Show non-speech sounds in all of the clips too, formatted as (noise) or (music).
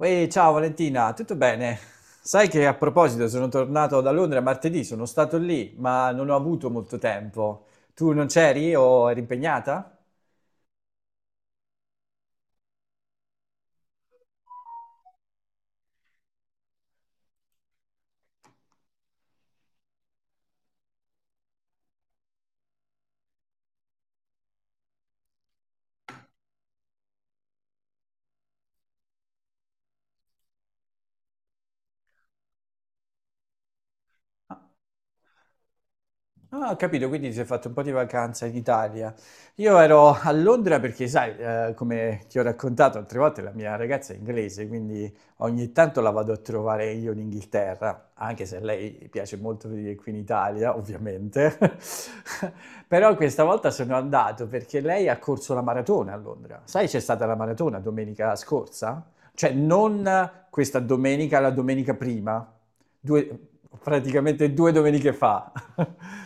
Ehi, ciao Valentina, tutto bene? Sai che a proposito sono tornato da Londra martedì, sono stato lì, ma non ho avuto molto tempo. Tu non c'eri o eri impegnata? Ah, ho capito, quindi ti sei fatto un po' di vacanza in Italia. Io ero a Londra perché, sai, come ti ho raccontato altre volte, la mia ragazza è inglese, quindi ogni tanto la vado a trovare io in Inghilterra, anche se a lei piace molto venire qui in Italia, ovviamente. (laughs) Però questa volta sono andato perché lei ha corso la maratona a Londra. Sai, c'è stata la maratona domenica scorsa? Cioè, non questa domenica, la domenica prima, Due- praticamente due domeniche fa. (laughs)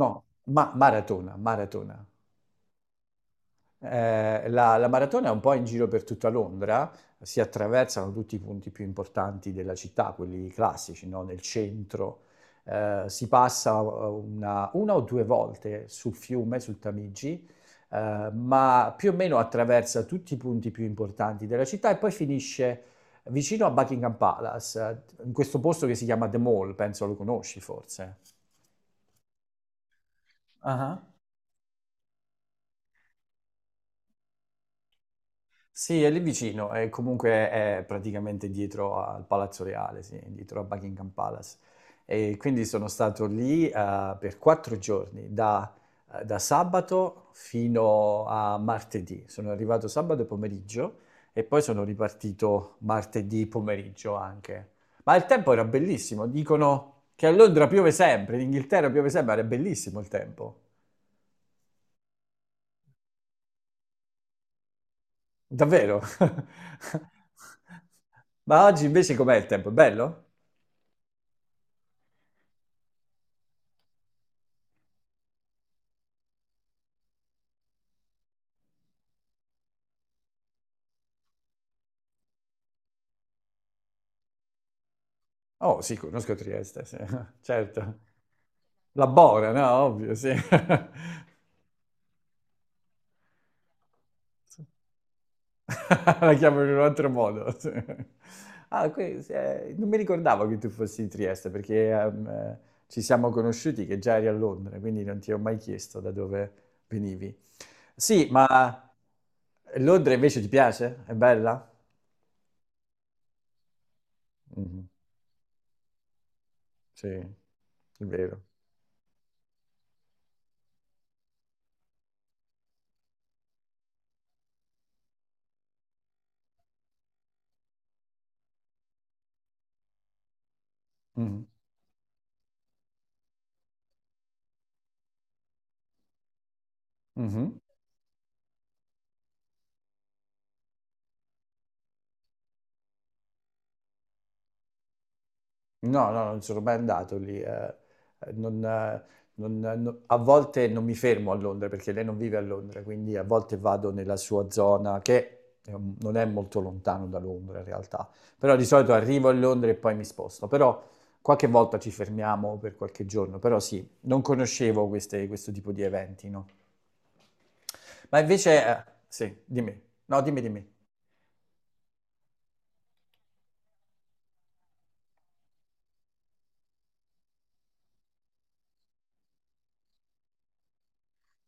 No, ma maratona, maratona. La maratona è un po' in giro per tutta Londra, si attraversano tutti i punti più importanti della città, quelli classici, no? Nel centro. Si passa una o due volte sul fiume, sul Tamigi, ma più o meno attraversa tutti i punti più importanti della città e poi finisce vicino a Buckingham Palace, in questo posto che si chiama The Mall, penso lo conosci forse. Ah. Sì, è lì vicino, e comunque è praticamente dietro al Palazzo Reale, sì, dietro a Buckingham Palace. E quindi sono stato lì per 4 giorni, da sabato fino a martedì. Sono arrivato sabato pomeriggio e poi sono ripartito martedì pomeriggio anche. Ma il tempo era bellissimo, dicono che a Londra piove sempre, in Inghilterra piove sempre, era bellissimo il tempo. Davvero? (laughs) Ma oggi invece com'è il tempo? È bello? Oh, sì, conosco Trieste, sì. (laughs) Certo. La Bora, no? Ovvio, sì. (laughs) La chiamano in un altro modo. Sì. Ah, non mi ricordavo che tu fossi di Trieste perché ci siamo conosciuti che già eri a Londra, quindi non ti ho mai chiesto da dove venivi. Sì, ma Londra invece ti piace? È bella? Mhm, sì, è vero. Mhm, mhm. No, no, non sono mai andato lì. Eh, non, eh, A volte non mi fermo a Londra perché lei non vive a Londra, quindi a volte vado nella sua zona che è non è molto lontano da Londra in realtà. Però di solito arrivo a Londra e poi mi sposto. Però qualche volta ci fermiamo per qualche giorno. Però sì, non conoscevo questo tipo di eventi, no? Ma invece, sì, dimmi. No, dimmi, dimmi.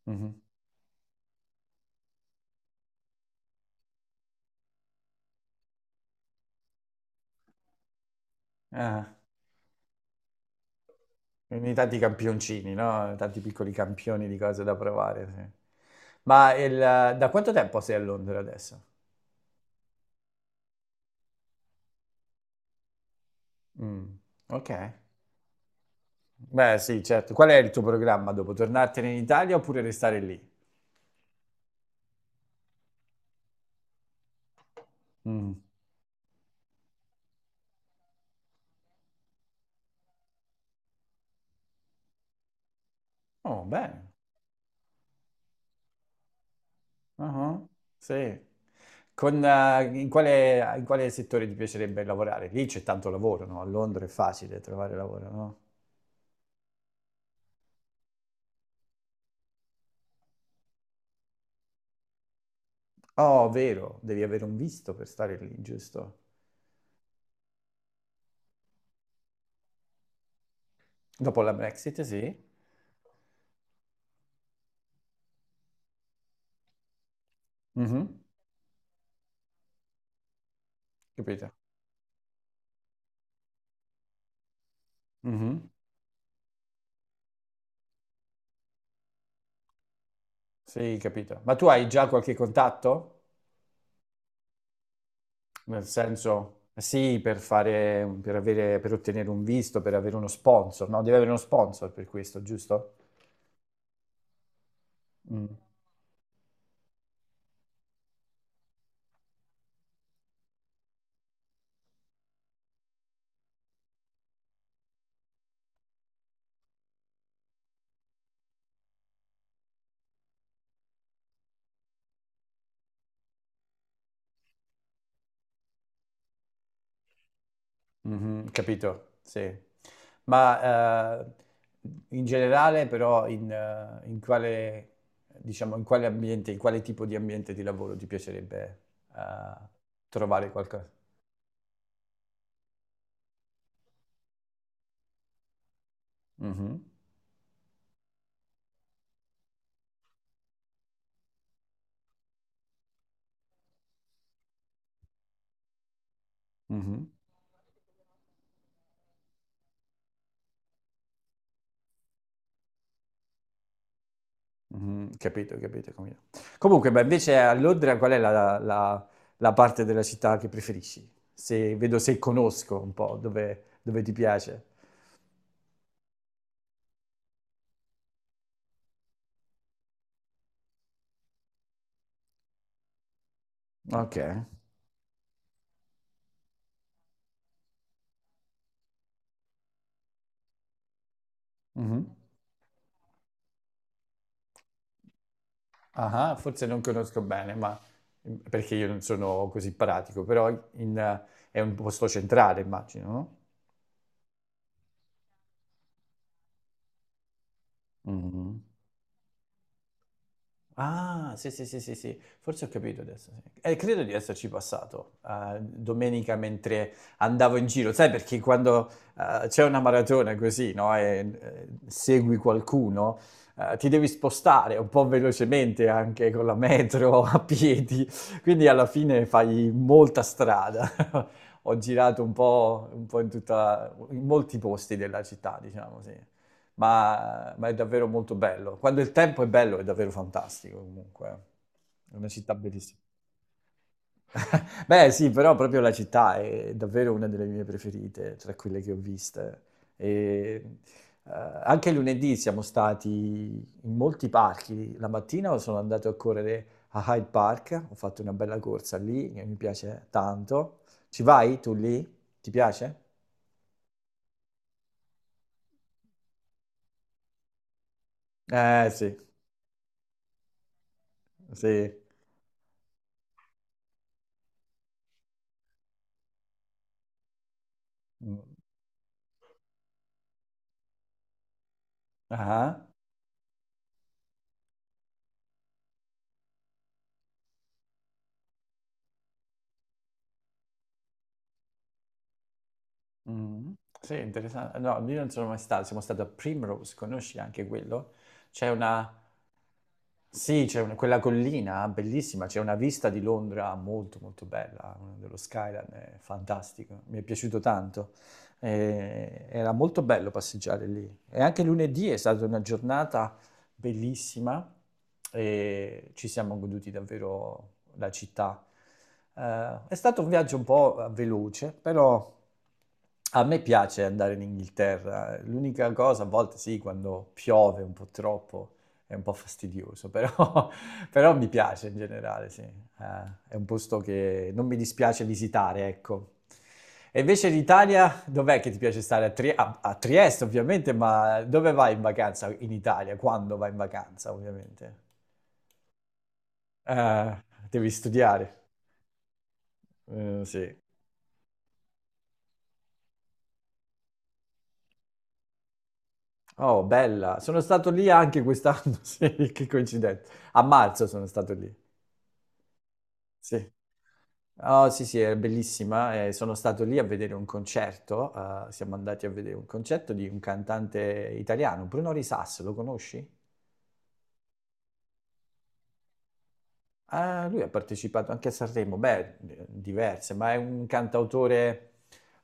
Mhm. Ah. Quindi tanti campioncini, no? Tanti piccoli campioni di cose da provare, sì. Ma da quanto tempo sei a Londra adesso? Mm, ok. Beh, sì, certo. Qual è il tuo programma dopo? Tornartene in Italia oppure restare lì? Mm. Oh, bene. Ah, sì. In quale settore ti piacerebbe lavorare? Lì c'è tanto lavoro, no? A Londra è facile trovare lavoro, no? Oh, vero, devi avere un visto per stare lì, giusto? Dopo la Brexit, sì. Mhm, capito? Mhm. Sì, capito. Ma tu hai già qualche contatto? Nel senso, sì, per fare, per avere, per ottenere un visto, per avere uno sponsor, no? Devi avere uno sponsor per questo, giusto? Mm. Mhm, capito, sì. Ma in generale, però, in quale, diciamo, in quale ambiente, in quale tipo di ambiente di lavoro ti piacerebbe eh, trovare qualcosa? Mhm, mhm. Mhm, capito, capito, capito. Comunque, beh, invece a Londra qual è la, la parte della città che preferisci? Se, vedo se conosco un po' dove, ti piace. Ok. Mhm. Ah, forse non conosco bene, ma perché io non sono così pratico, però in- è un posto centrale, immagino, no? Mhm. Ah, sì, sì, sì, sì, sì, forse ho capito adesso. Sì. Credo di esserci passato domenica mentre andavo in giro, sai, perché quando c'è una maratona così, no, e segui qualcuno, ti devi spostare un po' velocemente anche con la metro, (laughs) a piedi, quindi alla fine fai molta strada. (laughs) Ho girato un po' in molti posti della città, diciamo, sì ma è davvero molto bello. Quando il tempo è bello è davvero fantastico comunque. È una città bellissima. (laughs) Beh, sì, però proprio la città è davvero una delle mie preferite tra quelle che ho viste. E, anche lunedì siamo stati in molti parchi. La mattina sono andato a correre a Hyde Park, ho fatto una bella corsa lì che mi piace tanto. Ci vai tu lì? Ti piace? Eh sì, sì. Mm. Ah. Mm. Sì, interessante. No, io non sono mai stato, siamo stati a Primrose, conosci anche quello? C'è una, sì, quella collina bellissima, c'è una vista di Londra molto molto bella, dello skyline, è fantastico, mi è piaciuto tanto. Era molto bello passeggiare lì. E anche lunedì è stata una giornata bellissima e ci siamo goduti davvero la città. È stato un viaggio un po' veloce, però a me piace andare in Inghilterra. L'unica cosa, a volte sì, quando piove un po' troppo è un po' fastidioso, (laughs) però mi piace in generale, sì. È un posto che non mi dispiace visitare, ecco. E invece l'Italia, dov'è che ti piace stare? A Trieste, ovviamente, ma dove vai in vacanza in Italia? Quando vai in vacanza, ovviamente? Eh, devi studiare. Sì. Oh, bella. Sono stato lì anche quest'anno, (laughs) sì, che coincidenza. A marzo sono stato lì. Sì. Oh, sì, sì, è bellissima. Sono stato lì a vedere un concerto. Siamo andati a vedere un concerto di un cantante italiano, Bruno Risas, lo conosci? Ah, lui ha partecipato anche a Sanremo, beh, diverse, ma è un cantautore.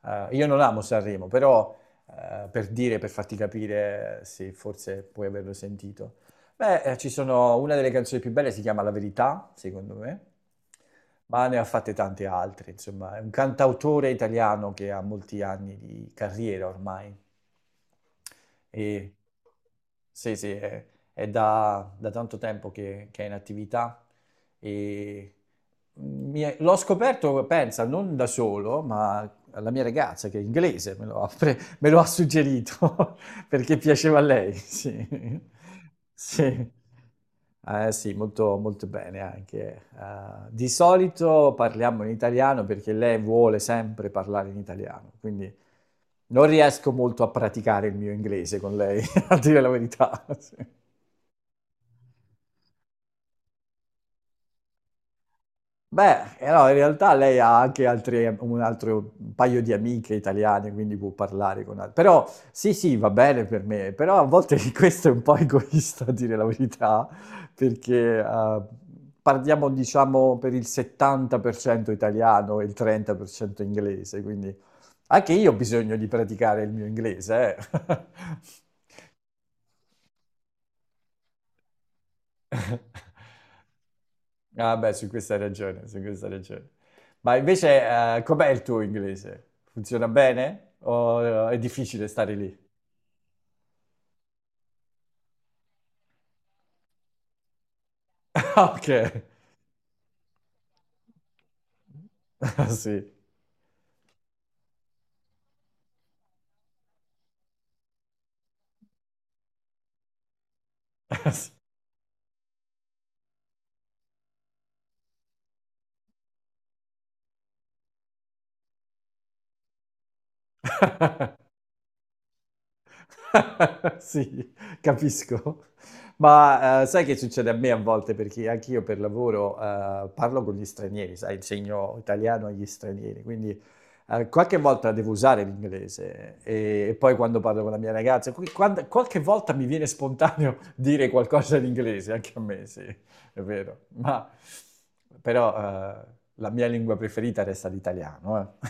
Io non amo Sanremo, però per dire, per farti capire, se forse puoi averlo sentito. Beh, ci sono una delle canzoni più belle, si chiama La Verità, secondo me, ma ne ha fatte tante altre, insomma, è un cantautore italiano che ha molti anni di carriera ormai. E sì, sì, è, è da tanto tempo che è in attività e l'ho scoperto, pensa, non da solo, ma la mia ragazza che è inglese me lo ha suggerito (laughs) perché piaceva a lei, (laughs) sì. Sì. Eh sì, molto, molto bene anche. Di solito parliamo in italiano perché lei vuole sempre parlare in italiano, quindi non riesco molto a praticare il mio inglese con lei, (laughs) a dire la verità. Sì. Beh, eh no, in realtà lei ha anche un altro un paio di amiche italiane, quindi può parlare con altre. Però sì, sì, va bene per me, però a volte (laughs) questo è un po' egoista, a dire la verità, perché parliamo, diciamo, per il 70% italiano e il 30% inglese, quindi anche io ho bisogno di praticare il mio inglese, eh. (laughs) Ah beh, su questa hai ragione, su questa hai ragione. Ma invece, com'è il tuo inglese? Funziona bene? O è difficile stare lì? (laughs) Ah, ok. (laughs) Sì. (laughs) Sì. (laughs) (laughs) Sì, capisco. Ma, sai che succede a me a volte, perché anch'io per lavoro, parlo con gli stranieri, sai, insegno italiano agli stranieri, quindi, qualche volta devo usare l'inglese e poi quando parlo con la mia ragazza, qui quando qualche volta mi viene spontaneo (laughs) dire qualcosa in inglese, anche a me, sì, è vero. Ma però, la mia lingua preferita resta l'italiano, eh.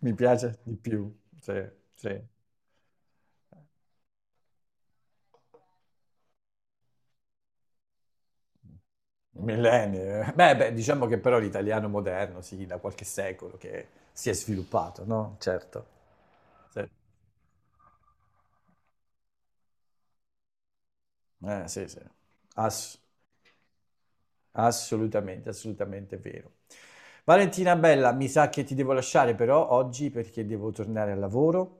(laughs) Mi piace di più, sì, sì. Millenni. Eh. Beh, beh, diciamo che però l'italiano moderno, sì, da qualche secolo che si è sviluppato, no? Certo. Sì. Sì, sì. Ass- Assolutamente, assolutamente vero. Valentina Bella, mi sa che ti devo lasciare però oggi perché devo tornare al lavoro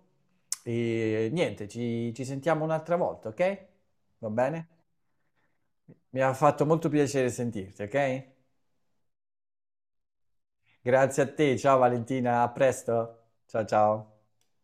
e niente, ci sentiamo un'altra volta, ok? Va bene? Mi ha fatto molto piacere sentirti, ok? Grazie a te, ciao Valentina, a presto. Ciao ciao.